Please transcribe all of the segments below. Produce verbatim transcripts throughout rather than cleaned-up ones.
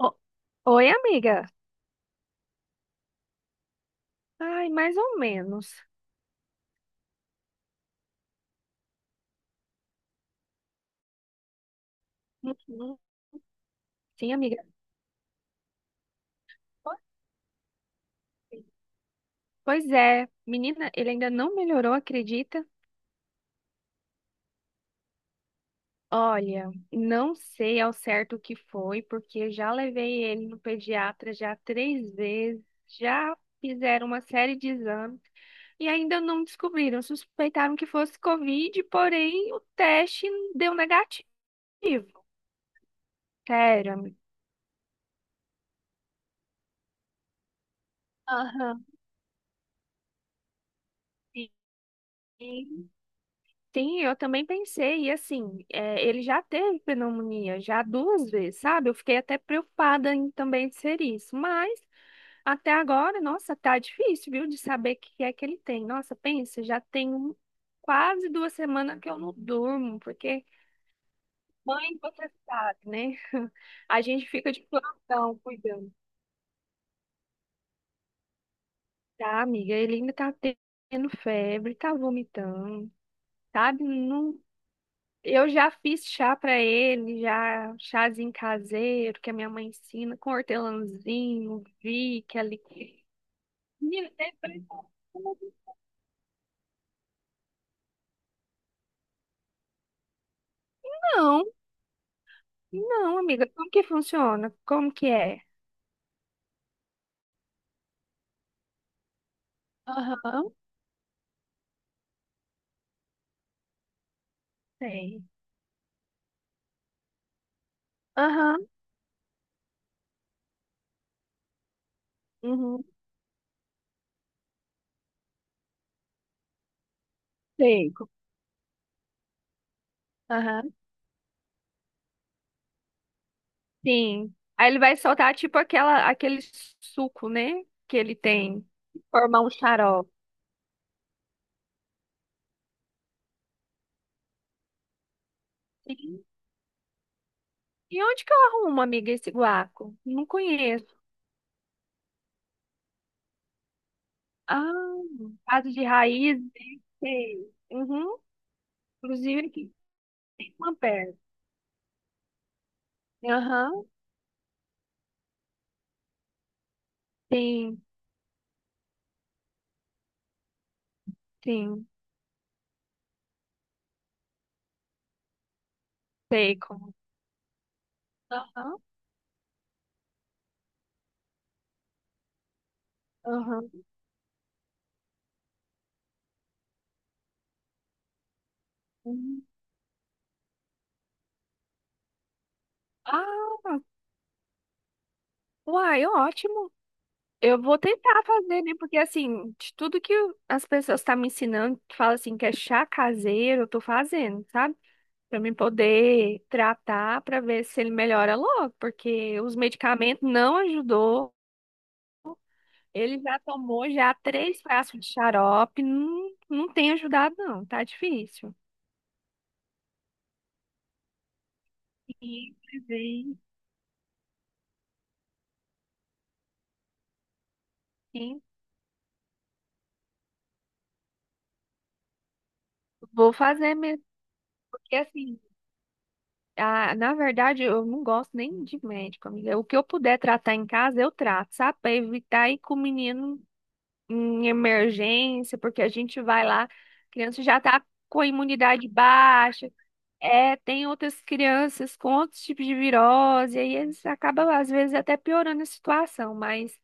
O- Oi, amiga. Ai, mais ou menos. Uhum. Sim, amiga. Pois é, menina, ele ainda não melhorou, acredita? Olha, não sei ao certo o que foi, porque já levei ele no pediatra já três vezes, já fizeram uma série de exames e ainda não descobriram. Suspeitaram que fosse Covid, porém o teste deu negativo. Sério, amiga. Aham. Sim. Sim, eu também pensei, e assim, é, ele já teve pneumonia, já duas vezes, sabe? Eu fiquei até preocupada em também ser isso, mas até agora, nossa, tá difícil, viu, de saber o que é que ele tem. Nossa, pensa, já tem um- quase duas semanas que eu não durmo, porque mãe, você sabe, né? A gente fica de plantão cuidando, tá, amiga? Ele ainda tá tendo febre, tá vomitando, sabe? Não Eu já fiz chá para ele, já chazinho caseiro que a minha mãe ensina com hortelãzinho, Vick, ali. Menina, é impressionante. Não, não, amiga. Como que funciona? Como que é? Aham, sei. Aham, uhum, sei. Aham, sim. Aí ele vai soltar tipo aquela, aquele suco, né? Que ele tem. Formar um xarope. Sim. E onde que eu arrumo, amiga, esse guaco? Não conheço. Ah, caso de raiz, né? Sei. Uhum. Inclusive aqui, tem uma perna. Aham, sim, sim, sei como. Aham, aham. Uhum. Ah, uai, ótimo. Eu vou tentar fazer, né? Porque assim, de tudo que eu- as pessoas estão me ensinando, que fala assim que é chá caseiro, eu tô fazendo, sabe? Pra mim poder tratar, pra ver se ele melhora logo, porque os medicamentos não ajudou. Ele já tomou já três frascos de xarope, não, não tem ajudado não, tá difícil. Sim, sim, sim. Vou fazer mesmo, porque assim, a, na verdade eu não gosto nem de médico, amiga. O que eu puder tratar em casa, eu trato, sabe? Pra evitar ir com o menino em emergência, porque a gente vai lá, a criança já tá com a imunidade baixa. É, tem outras crianças com outros tipos de virose, e aí eles acabam, às vezes, até piorando a situação, mas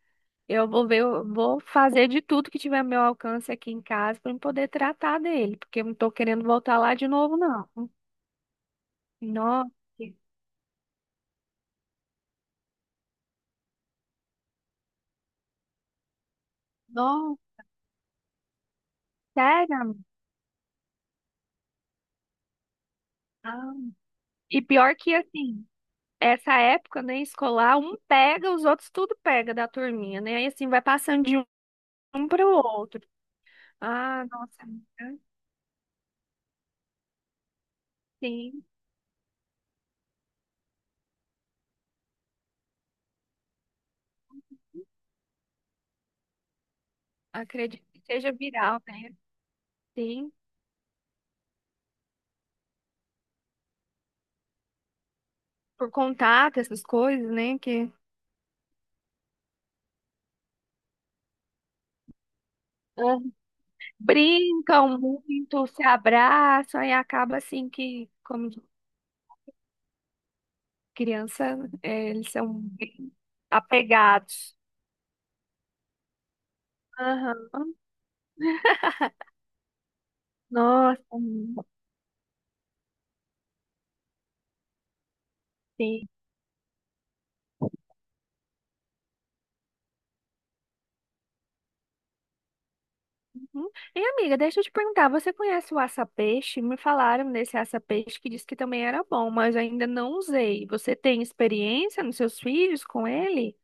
eu vou ver, eu vou fazer de tudo que tiver ao meu alcance aqui em casa para poder tratar dele, porque eu não tô querendo voltar lá de novo, não. Nossa, nossa, sério, amiga? Ah. E pior que assim, essa época, né, escolar, um pega, os outros tudo pega da turminha, né? Aí assim vai passando de um para o outro. Ah, nossa, amiga, sim, acredito que seja viral, né? Sim, por contato, essas coisas, né? Que... Ah, brincam muito, se abraçam e acaba assim que, como criança, eh, eles são bem apegados. Aham. Nossa, sim. Uhum. E amiga, deixa eu te perguntar, você conhece o aça-peixe? Me falaram desse aça-peixe que disse que também era bom, mas eu ainda não usei. Você tem experiência nos seus filhos com ele?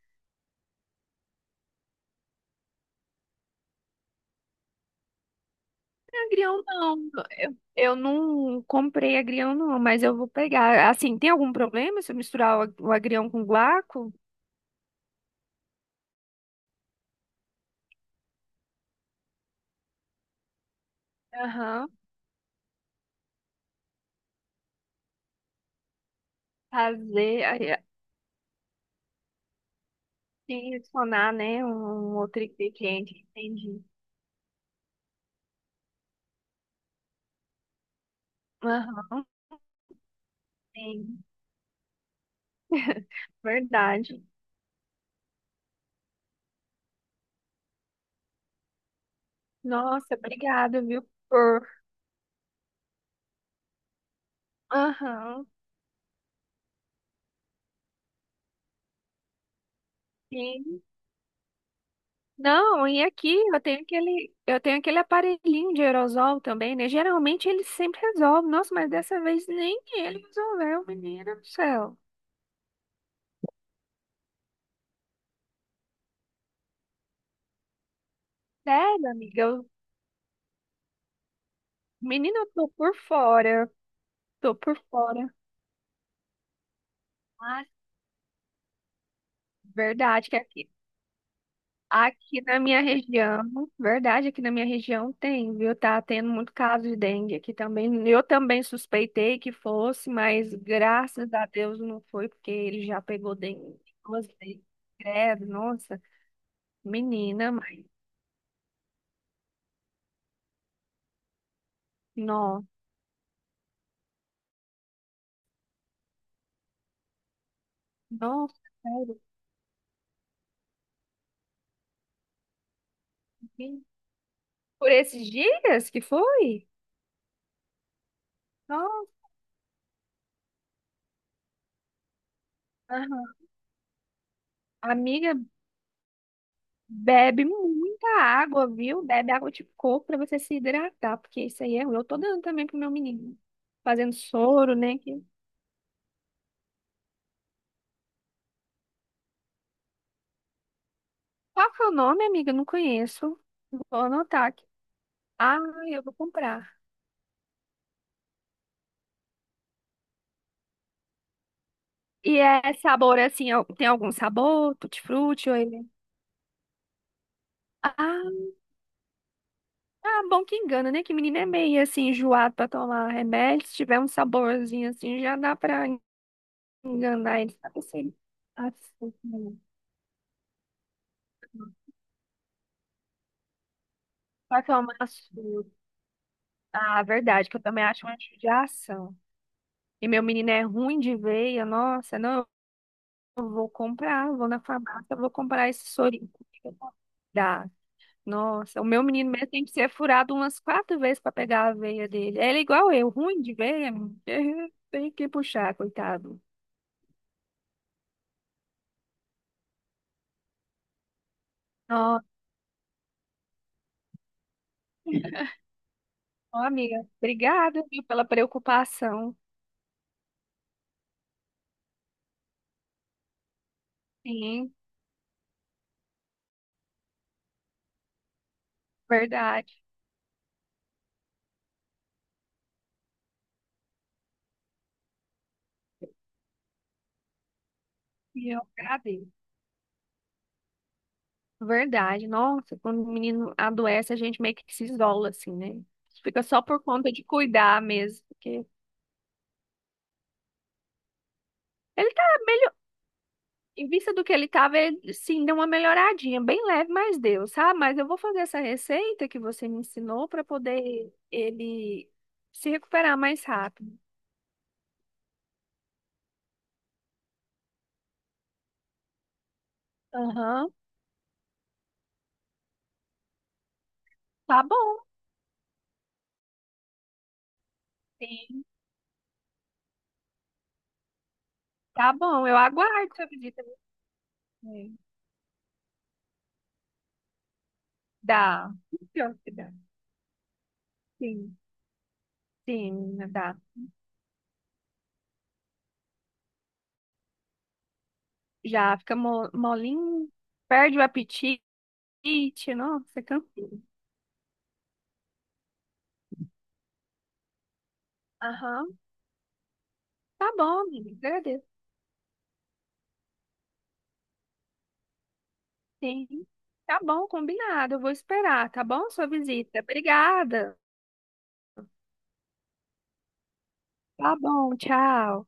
Agrião não, eu, eu não comprei agrião não, mas eu vou pegar. Assim, tem algum problema se eu misturar o, ag- o agrião com guaco? Aham, fazer, aí, assim, adicionar, né, um um outro ingrediente, entendi. Aham, sim, verdade. Nossa, obrigada, viu, por... Aham, sim. Não, e aqui eu tenho aquele, eu tenho aquele aparelhinho de aerosol também, né? Geralmente ele sempre resolve. Nossa, mas dessa vez nem ele resolveu, menina do céu. Sério, amiga? Eu- Menina, eu tô por fora. Tô por fora. Ah, verdade que aqui, aqui na minha região, verdade, aqui na minha região tem, viu? Tá tendo muito caso de dengue aqui também. Eu também suspeitei que fosse, mas graças a Deus não foi, porque ele já pegou dengue duas vezes. Credo, nossa, menina, mas não, nossa, sério. que- Por esses dias que foi? Nossa, aham. Amiga. Bebe muita água, viu? Bebe água de coco para você se hidratar, porque isso aí é ruim. Eu tô dando também pro meu menino. Fazendo soro, né? que- Qual que é o nome, amiga? Eu não conheço. Vou anotar aqui. Ah, eu vou comprar. E é sabor assim, al- tem algum sabor? Tutti-frutti ou ele? Ah, ah, bom que engana, né? Que menino é meio assim, enjoado pra tomar remédio. Se tiver um saborzinho assim, já dá pra enganar ele. Sabe assim? Açúcar. Pra tomar açúcar. Ah, verdade, que eu também acho uma judiação. E meu menino é ruim de veia, nossa, não, eu vou comprar, eu vou na farmácia, eu vou comprar esse sorinho. Dá. Nossa, o meu menino mesmo tem que ser furado umas quatro vezes para pegar a veia dele. Ele é igual eu, ruim de veia, tem que puxar, coitado. Nossa, ó, amiga, obrigada, viu, pela preocupação. Sim, verdade. E eu agradeço. Verdade. Nossa, quando o menino adoece, a gente meio que se isola, assim, né? Fica só por conta de cuidar mesmo. Porque ele tá, em vista do que ele tava, ele, sim, deu uma melhoradinha, bem leve, mas deu, sabe? Mas eu vou fazer essa receita que você me ensinou para poder ele se recuperar mais rápido. Aham, tá bom. Sim. Tá bom, eu aguardo sua visita. Sim. Dá. Pior que dá. Sim. Sim, menina, dá. Já fica mo- molinho, perde o apetite. It, nossa, Cancún. Aham, tá bom, amiga, agradeço. Sim, tá bom, combinado. Eu vou esperar, tá bom? Sua visita. Obrigada. Tá bom, tchau.